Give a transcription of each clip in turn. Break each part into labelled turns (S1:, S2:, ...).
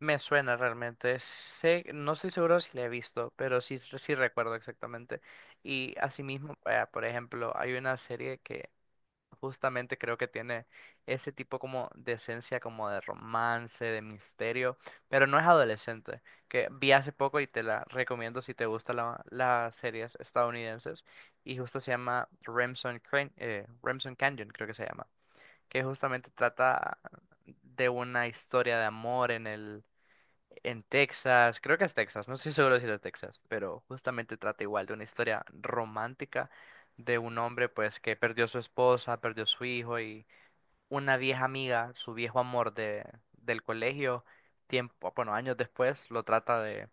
S1: Me suena realmente. Sé, no estoy seguro si la he visto, pero sí, sí recuerdo exactamente. Y asimismo, por ejemplo, hay una serie que justamente creo que tiene ese tipo como de esencia, como de romance, de misterio, pero no es adolescente, que vi hace poco y te la recomiendo si te gustan las series estadounidenses. Y justo se llama Remsen, Remsen Canyon, creo que se llama, que justamente trata de una historia de amor en Texas, creo que es Texas, no estoy seguro si es de Texas, pero justamente trata igual de una historia romántica de un hombre pues que perdió su esposa, perdió su hijo y una vieja amiga, su viejo amor del colegio, tiempo, bueno, años después lo trata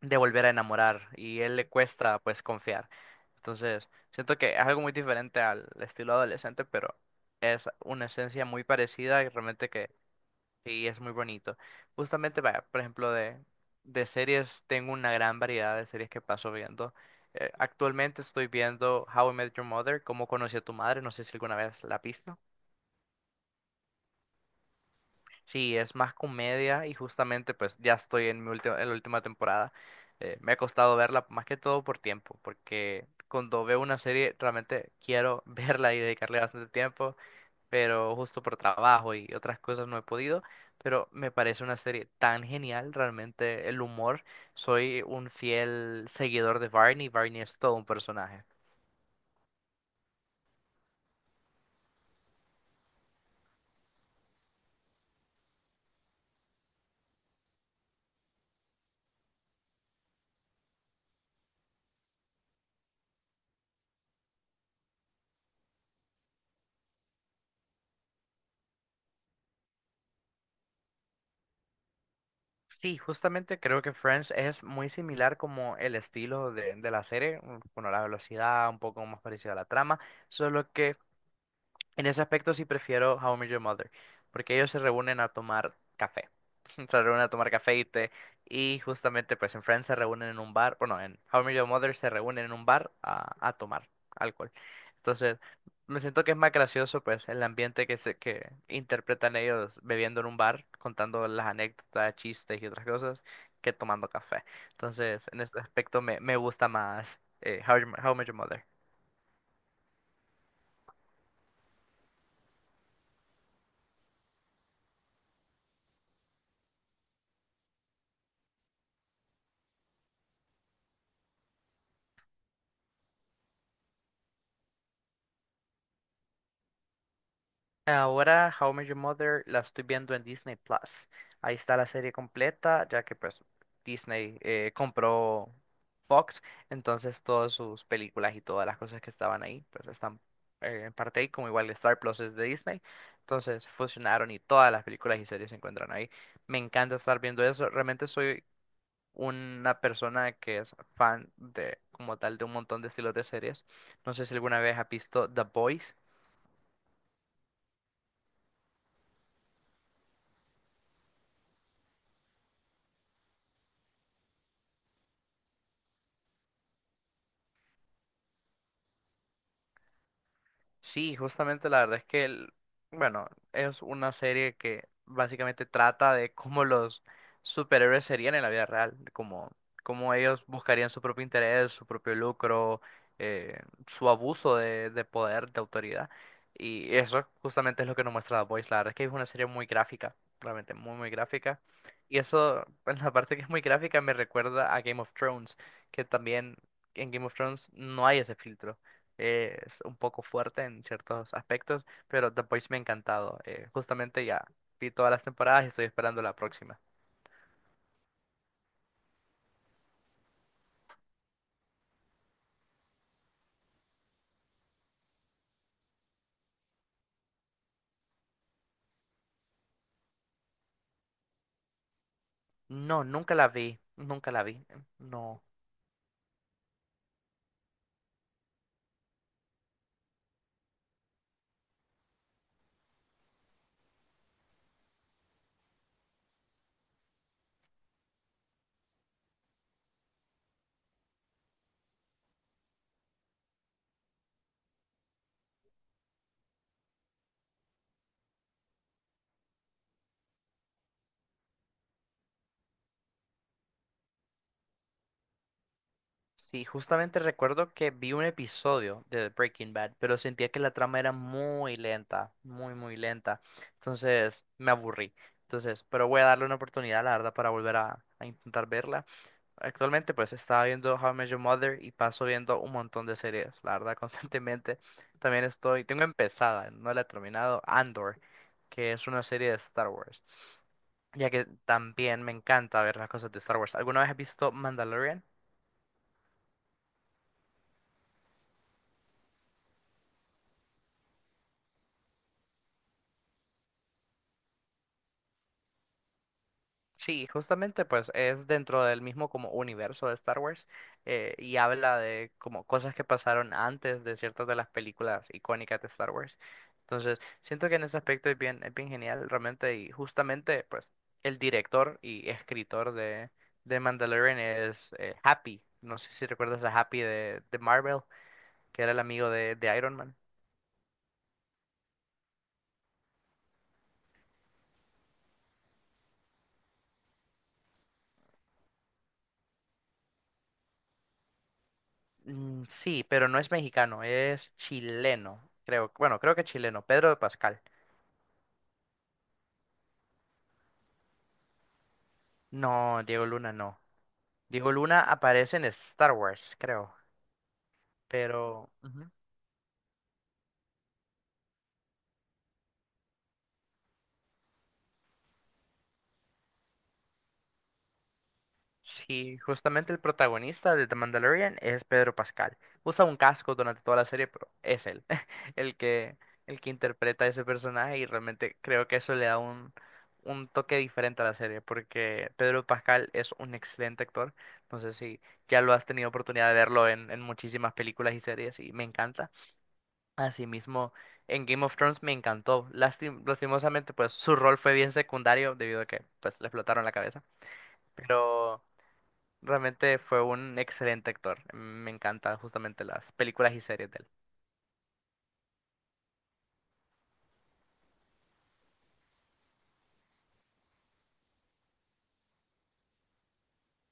S1: de volver a enamorar y él le cuesta pues confiar. Entonces, siento que es algo muy diferente al estilo adolescente, pero es una esencia muy parecida y realmente que... Sí, es muy bonito. Justamente, vaya, por ejemplo, de series, tengo una gran variedad de series que paso viendo. Actualmente estoy viendo How I Met Your Mother, Cómo conocí a tu madre, no sé si alguna vez la has visto. Sí, es más comedia y justamente pues ya estoy en en la última temporada. Me ha costado verla más que todo por tiempo, porque cuando veo una serie realmente quiero verla y dedicarle bastante tiempo. Pero justo por trabajo y otras cosas no he podido, pero me parece una serie tan genial, realmente el humor, soy un fiel seguidor de Barney. Barney es todo un personaje. Sí, justamente creo que Friends es muy similar como el estilo de la serie, mm, bueno, la velocidad, un poco más parecido a la trama, solo que... En ese aspecto sí prefiero How I Met Your Mother, porque ellos se reúnen a tomar café. Se reúnen a tomar café y té, y justamente pues en Friends se reúnen en un bar. Bueno, en How I Met Your Mother se reúnen en un bar a tomar alcohol. Entonces, me siento que es más gracioso pues el ambiente que, se, que interpretan ellos bebiendo en un bar, contando las anécdotas, chistes y otras cosas, que tomando café. Entonces, en ese aspecto me gusta más How I Met How I Met Your Mother. Ahora, How I Met Your Mother la estoy viendo en Disney Plus. Ahí está la serie completa, ya que pues Disney compró Fox, entonces todas sus películas y todas las cosas que estaban ahí, pues están en parte ahí, como igual Star Plus es de Disney, entonces fusionaron y todas las películas y series se encuentran ahí. Me encanta estar viendo eso, realmente soy una persona que es fan de como tal de un montón de estilos de series. No sé si alguna vez has visto The Boys. Sí, justamente la verdad es que, bueno, es una serie que básicamente trata de cómo los superhéroes serían en la vida real, como cómo ellos buscarían su propio interés, su propio lucro, eh, su abuso de poder, de autoridad. Y eso justamente es lo que nos muestra The Voice. La verdad es que es una serie muy gráfica, realmente muy, muy gráfica. Y eso, en la parte que es muy gráfica, me recuerda a Game of Thrones, que también en Game of Thrones no hay ese filtro. Es un poco fuerte en ciertos aspectos, pero The Voice me ha encantado. Justamente ya vi todas las temporadas y estoy esperando la próxima. No, nunca la vi, nunca la vi. No. Sí, justamente recuerdo que vi un episodio de Breaking Bad, pero sentía que la trama era muy lenta, muy, muy lenta. Entonces me aburrí. Entonces, pero voy a darle una oportunidad, la verdad, para volver a intentar verla. Actualmente pues estaba viendo How I Met Your Mother y paso viendo un montón de series, la verdad, constantemente. También estoy, tengo empezada, no la he terminado, Andor, que es una serie de Star Wars, ya que también me encanta ver las cosas de Star Wars. ¿Alguna vez has visto Mandalorian? Sí, justamente pues es dentro del mismo como universo de Star Wars y habla de como cosas que pasaron antes de ciertas de las películas icónicas de Star Wars. Entonces, siento que en ese aspecto es bien genial realmente y justamente pues el director y escritor de Mandalorian es Happy. No sé si recuerdas a Happy de Marvel, que era el amigo de Iron Man. Mm, sí, pero no es mexicano, es chileno, creo. Bueno, creo que chileno, Pedro Pascal. No, Diego Luna no. Diego Luna aparece en Star Wars, creo. Pero ujú. Sí, justamente el protagonista de The Mandalorian es Pedro Pascal. Usa un casco durante toda la serie, pero es él el que, el que interpreta ese personaje y realmente creo que eso le da un toque diferente a la serie, porque Pedro Pascal es un excelente actor. No sé si ya lo has tenido oportunidad de verlo en muchísimas películas y series y me encanta. Asimismo, en Game of Thrones me encantó. Lastimosamente, pues su rol fue bien secundario debido a que pues le explotaron la cabeza. Pero realmente fue un excelente actor. Me encantan justamente las películas y series de él.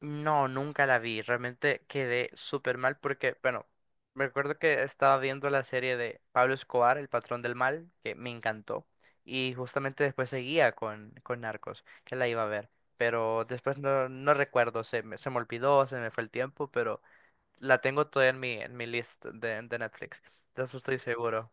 S1: No, nunca la vi. Realmente quedé súper mal porque, bueno, me acuerdo que estaba viendo la serie de Pablo Escobar, El Patrón del Mal, que me encantó. Y justamente después seguía con Narcos, que la iba a ver. Pero después no, no recuerdo, se me olvidó, se me fue el tiempo, pero la tengo todavía en en mi list de Netflix. De eso estoy seguro.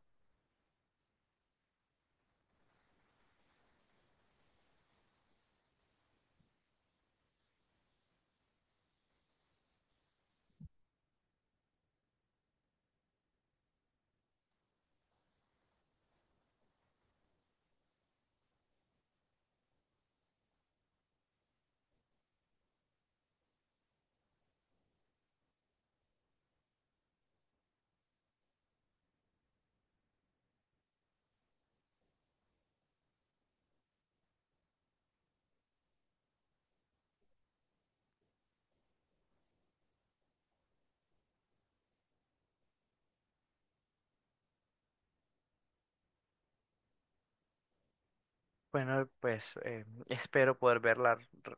S1: Bueno, pues espero poder verla, r-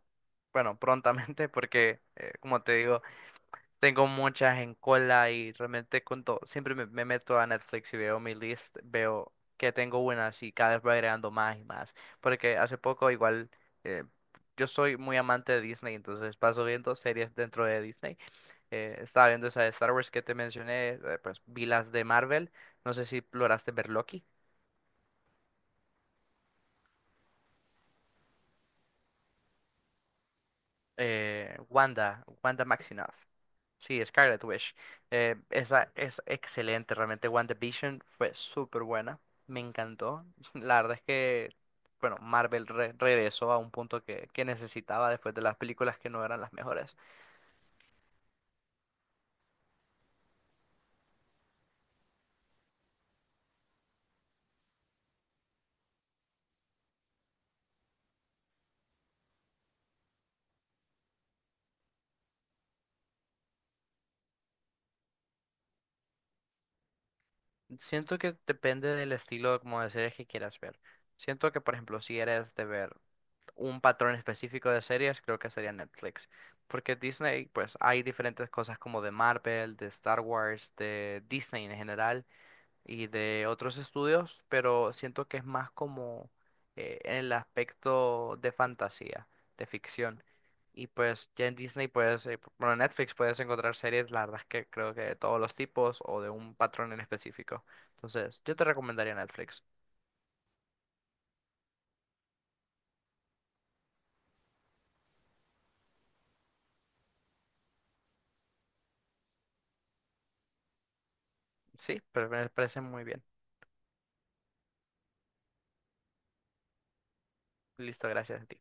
S1: bueno, prontamente porque, como te digo... Tengo muchas en cola y realmente con siempre me meto a Netflix y veo mi list, veo que tengo buenas y cada vez voy agregando más y más. Porque hace poco igual, eh, yo soy muy amante de Disney, entonces paso viendo series dentro de Disney. Estaba viendo esa de Star Wars que te mencioné, pues vi las de Marvel, no sé si lograste ver Loki, Wanda, Wanda Maximoff. Sí, Scarlet Witch. Esa es excelente, realmente WandaVision fue súper buena, me encantó. La verdad es que, bueno, Marvel regresó a un punto que necesitaba después de las películas que no eran las mejores. Siento que depende del estilo como de series que quieras ver. Siento que, por ejemplo, si eres de ver un patrón específico de series, creo que sería Netflix. Porque Disney, pues hay diferentes cosas como de Marvel, de Star Wars, de Disney en general y de otros estudios, pero siento que es más como en el aspecto de fantasía, de ficción. Y pues ya en Disney puedes, bueno, en Netflix puedes encontrar series, la verdad es que creo que de todos los tipos o de un patrón en específico. Entonces, yo te recomendaría Netflix. Sí, pero me parece muy bien. Listo, gracias a ti.